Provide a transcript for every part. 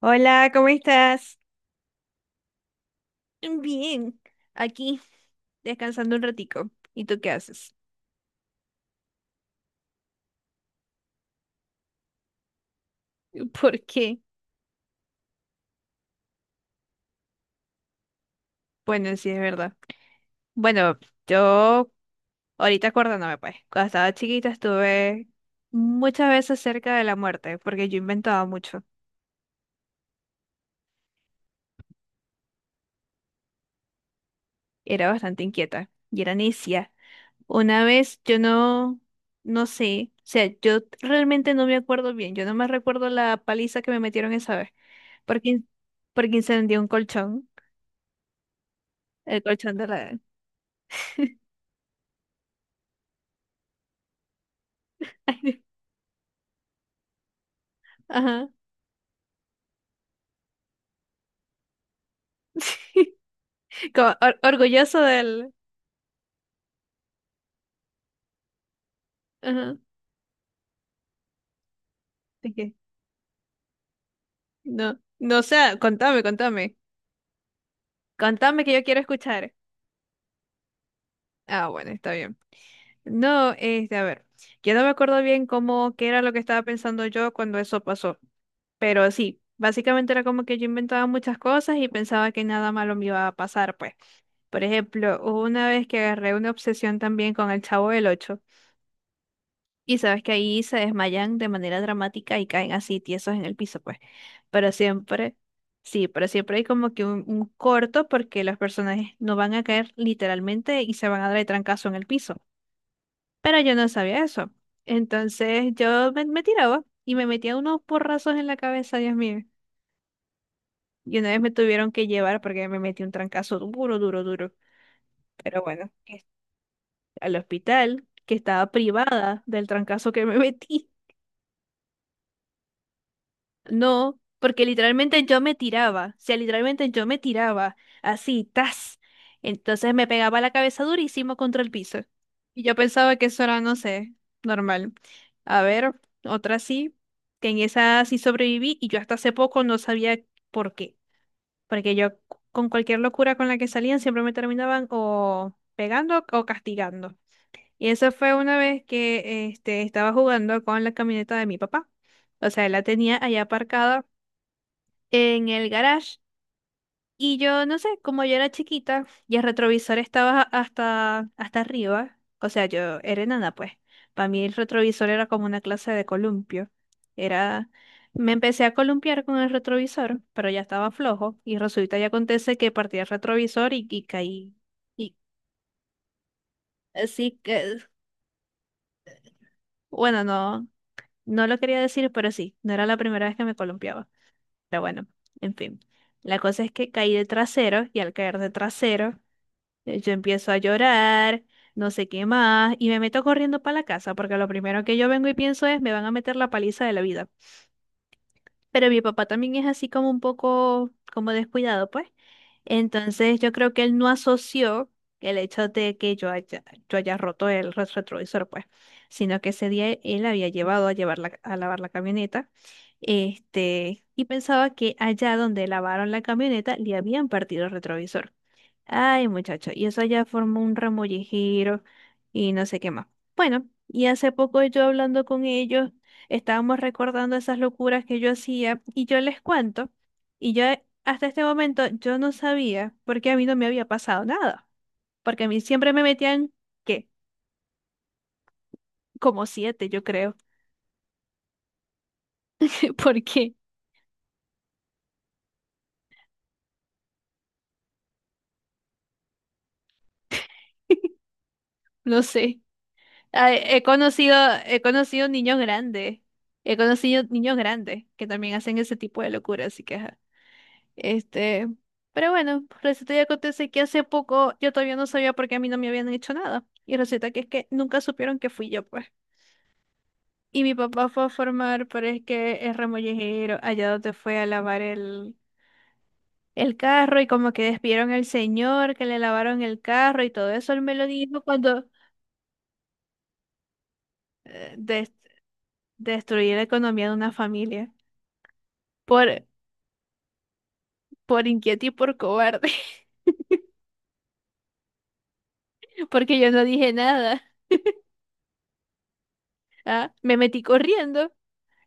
Hola, ¿cómo estás? Bien, aquí descansando un ratico. ¿Y tú qué haces? ¿Por qué? Bueno, sí, es verdad. Bueno, yo ahorita acordándome, pues, cuando estaba chiquita estuve muchas veces cerca de la muerte, porque yo inventaba mucho. Era bastante inquieta y era necia. Una vez yo no, no sé, o sea, yo realmente no me acuerdo bien. Yo no me recuerdo la paliza que me metieron esa vez, porque, porque incendié un colchón, el colchón de la, ay, Dios. Ajá. Sí. Como orgulloso del... Ajá. ¿De qué? No, no, o sea, contame, contame. Contame que yo quiero escuchar. Ah, bueno, está bien. No, este, a ver, yo no me acuerdo bien cómo, qué era lo que estaba pensando yo cuando eso pasó, pero sí, básicamente era como que yo inventaba muchas cosas y pensaba que nada malo me iba a pasar, pues. Por ejemplo, hubo una vez que agarré una obsesión también con el Chavo del Ocho. Y sabes que ahí se desmayan de manera dramática y caen así tiesos en el piso, pues. Pero siempre, sí, pero siempre hay como que un corto porque los personajes no van a caer literalmente y se van a dar de trancazo en el piso. Pero yo no sabía eso. Entonces yo me tiraba y me metía unos porrazos en la cabeza, Dios mío. Y una vez me tuvieron que llevar porque me metí un trancazo duro, duro, duro. Pero bueno, al hospital, que estaba privada del trancazo que me metí. No, porque literalmente yo me tiraba, o sea, literalmente yo me tiraba así, tas. Entonces me pegaba la cabeza durísimo contra el piso. Y yo pensaba que eso era, no sé, normal. A ver, otra sí, que en esa sí sobreviví y yo hasta hace poco no sabía por qué. Porque yo con cualquier locura con la que salían siempre me terminaban o pegando o castigando. Y eso fue una vez que este, estaba jugando con la camioneta de mi papá. O sea, él la tenía allá aparcada en el garage. Y yo, no sé, como yo era chiquita y el retrovisor estaba hasta arriba, o sea, yo era enana, pues. Para mí el retrovisor era como una clase de columpio. Era, me empecé a columpiar con el retrovisor, pero ya estaba flojo y resulta y acontece que partí el retrovisor y caí. Y así que, bueno, no, no lo quería decir, pero sí, no era la primera vez que me columpiaba. Pero bueno, en fin. La cosa es que caí de trasero y al caer de trasero yo empiezo a llorar, no sé qué más, y me meto corriendo para la casa, porque lo primero que yo vengo y pienso es, me van a meter la paliza de la vida. Pero mi papá también es así como un poco, como descuidado, pues. Entonces yo creo que él no asoció el hecho de que yo haya roto el retrovisor, pues, sino que ese día él había llevar a lavar la camioneta, este, y pensaba que allá donde lavaron la camioneta le habían partido el retrovisor. Ay, muchacho, y eso ya formó un remollejero y no sé qué más. Bueno, y hace poco yo hablando con ellos, estábamos recordando esas locuras que yo hacía y yo les cuento, y yo hasta este momento yo no sabía porque a mí no me había pasado nada, porque a mí siempre me metían, ¿qué? Como 7, yo creo. ¿Por qué? No sé. Ah, he conocido niños grandes, he conocido niños grandes que también hacen ese tipo de locuras, así que... ajá. Este, pero bueno, resulta y acontece que hace poco yo todavía no sabía por qué a mí no me habían hecho nada. Y resulta que es que nunca supieron que fui yo, pues. Y mi papá fue a formar, pero es que es remollejero, allá donde fue a lavar el carro y como que despidieron al señor, que le lavaron el carro y todo eso, él me lo dijo cuando eh, des- destruí la economía de una familia. Por, por inquieto y por cobarde, porque yo no dije nada. Ah, me metí corriendo.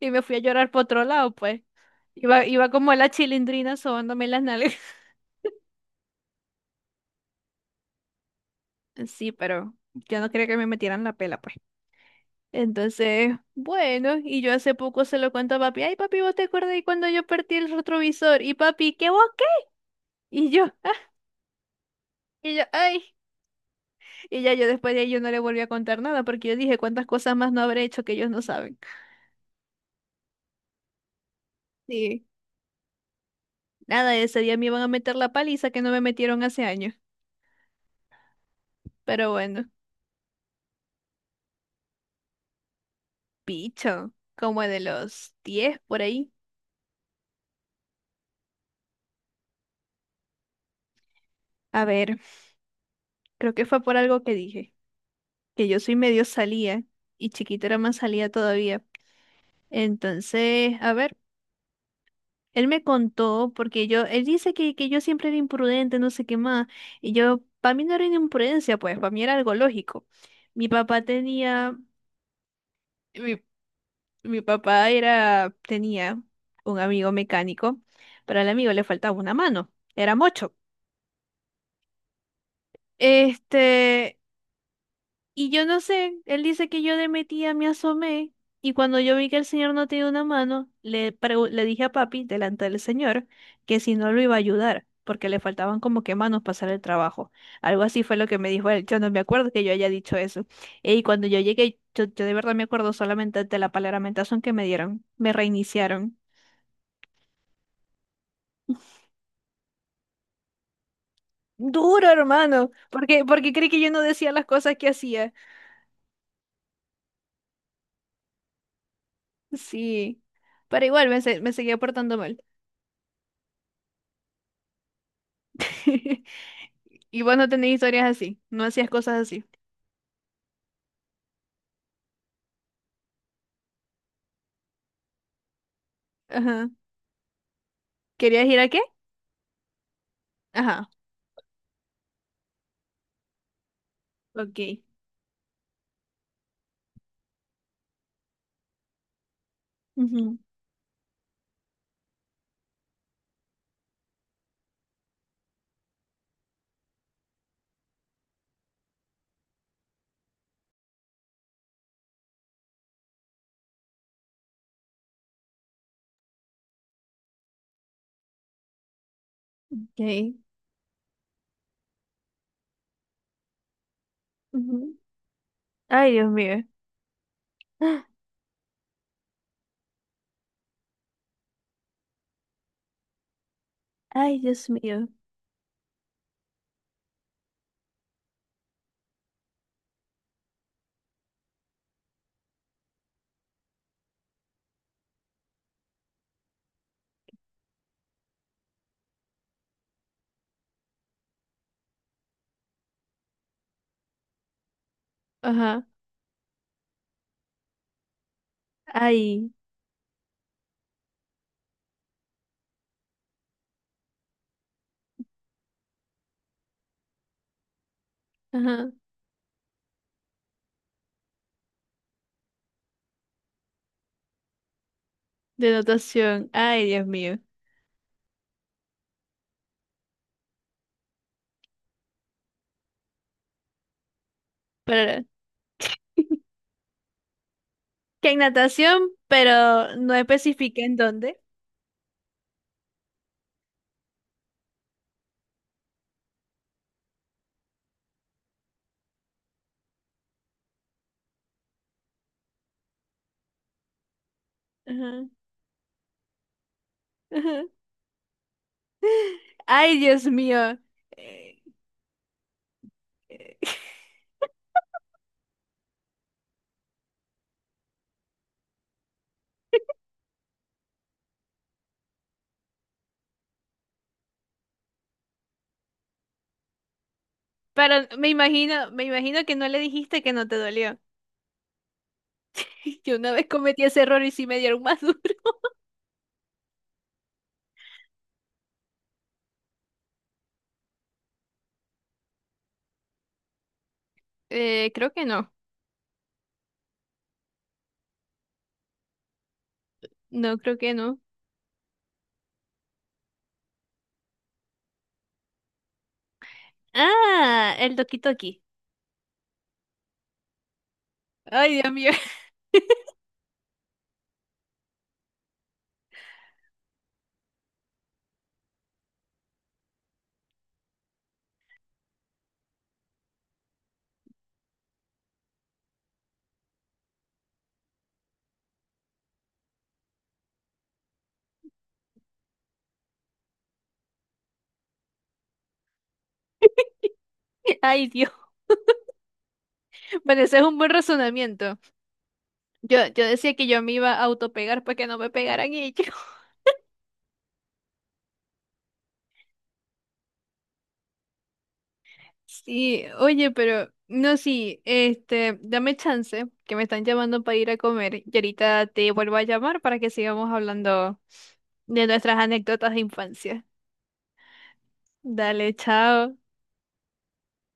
Y me fui a llorar por otro lado, pues. Iba, iba como la chilindrina sobándome las nalgas. Sí, pero yo no quería que me metieran la pela, pues. Entonces, bueno, y yo hace poco se lo cuento a papi. Ay, papi, ¿vos te acuerdas de cuando yo perdí el retrovisor? Y papi, ¿qué vos qué? Y yo, y yo, ay. Y ya yo después de ahí yo no le volví a contar nada porque yo dije cuántas cosas más no habré hecho que ellos no saben. Sí. Nada, ese día me iban a meter la paliza que no me metieron hace años. Pero bueno, picho, como de los 10 por ahí. A ver. Creo que fue por algo que dije, que yo soy medio salía y chiquita era más salía todavía. Entonces, a ver, él me contó, porque yo, él dice que yo siempre era imprudente, no sé qué más, y yo, para mí no era una imprudencia, pues, para mí era algo lógico. Mi papá tenía, mi, mi papá era, tenía un amigo mecánico, pero al amigo le faltaba una mano, era mocho. Este, y yo no sé, él dice que yo de metida me asomé y cuando yo vi que el señor no tenía una mano, le, le dije a papi delante del señor que si no lo iba a ayudar, porque le faltaban como que manos para hacer el trabajo. Algo así fue lo que me dijo él. Yo no me acuerdo que yo haya dicho eso. Y cuando yo llegué, yo de verdad me acuerdo solamente de la palaramentación que me dieron. Me reiniciaron. Duro, hermano, porque creí que yo no decía las cosas que hacía. Sí, pero me seguía portando mal. Y vos no tenés historias así, no hacías cosas así. Ajá. ¿Querías ir a qué? Ajá. Ok. Ujú. Ok. Ujú. Ay, Dios mío. Ah, ay, Dios mío. Ajá. Ay. Ajá. De natación. Ay, Dios mío. Para... Que en natación, pero no especifica en dónde. Ajá. Ajá. Ay, Dios mío. Eh, eh. Pero me imagino que no le dijiste que no te dolió. Yo una vez cometí ese error y sí me dieron más duro. Creo que no. No, creo que no. Ah, el Doki Doki. Ay, Dios mío. Ay, Dios. Bueno, ese es un buen razonamiento. Yo decía que yo me iba a autopegar para que no me pegaran ellos. Sí, oye, pero no, sí, este, dame chance, que me están llamando para ir a comer y ahorita te vuelvo a llamar para que sigamos hablando de nuestras anécdotas de infancia. Dale, chao.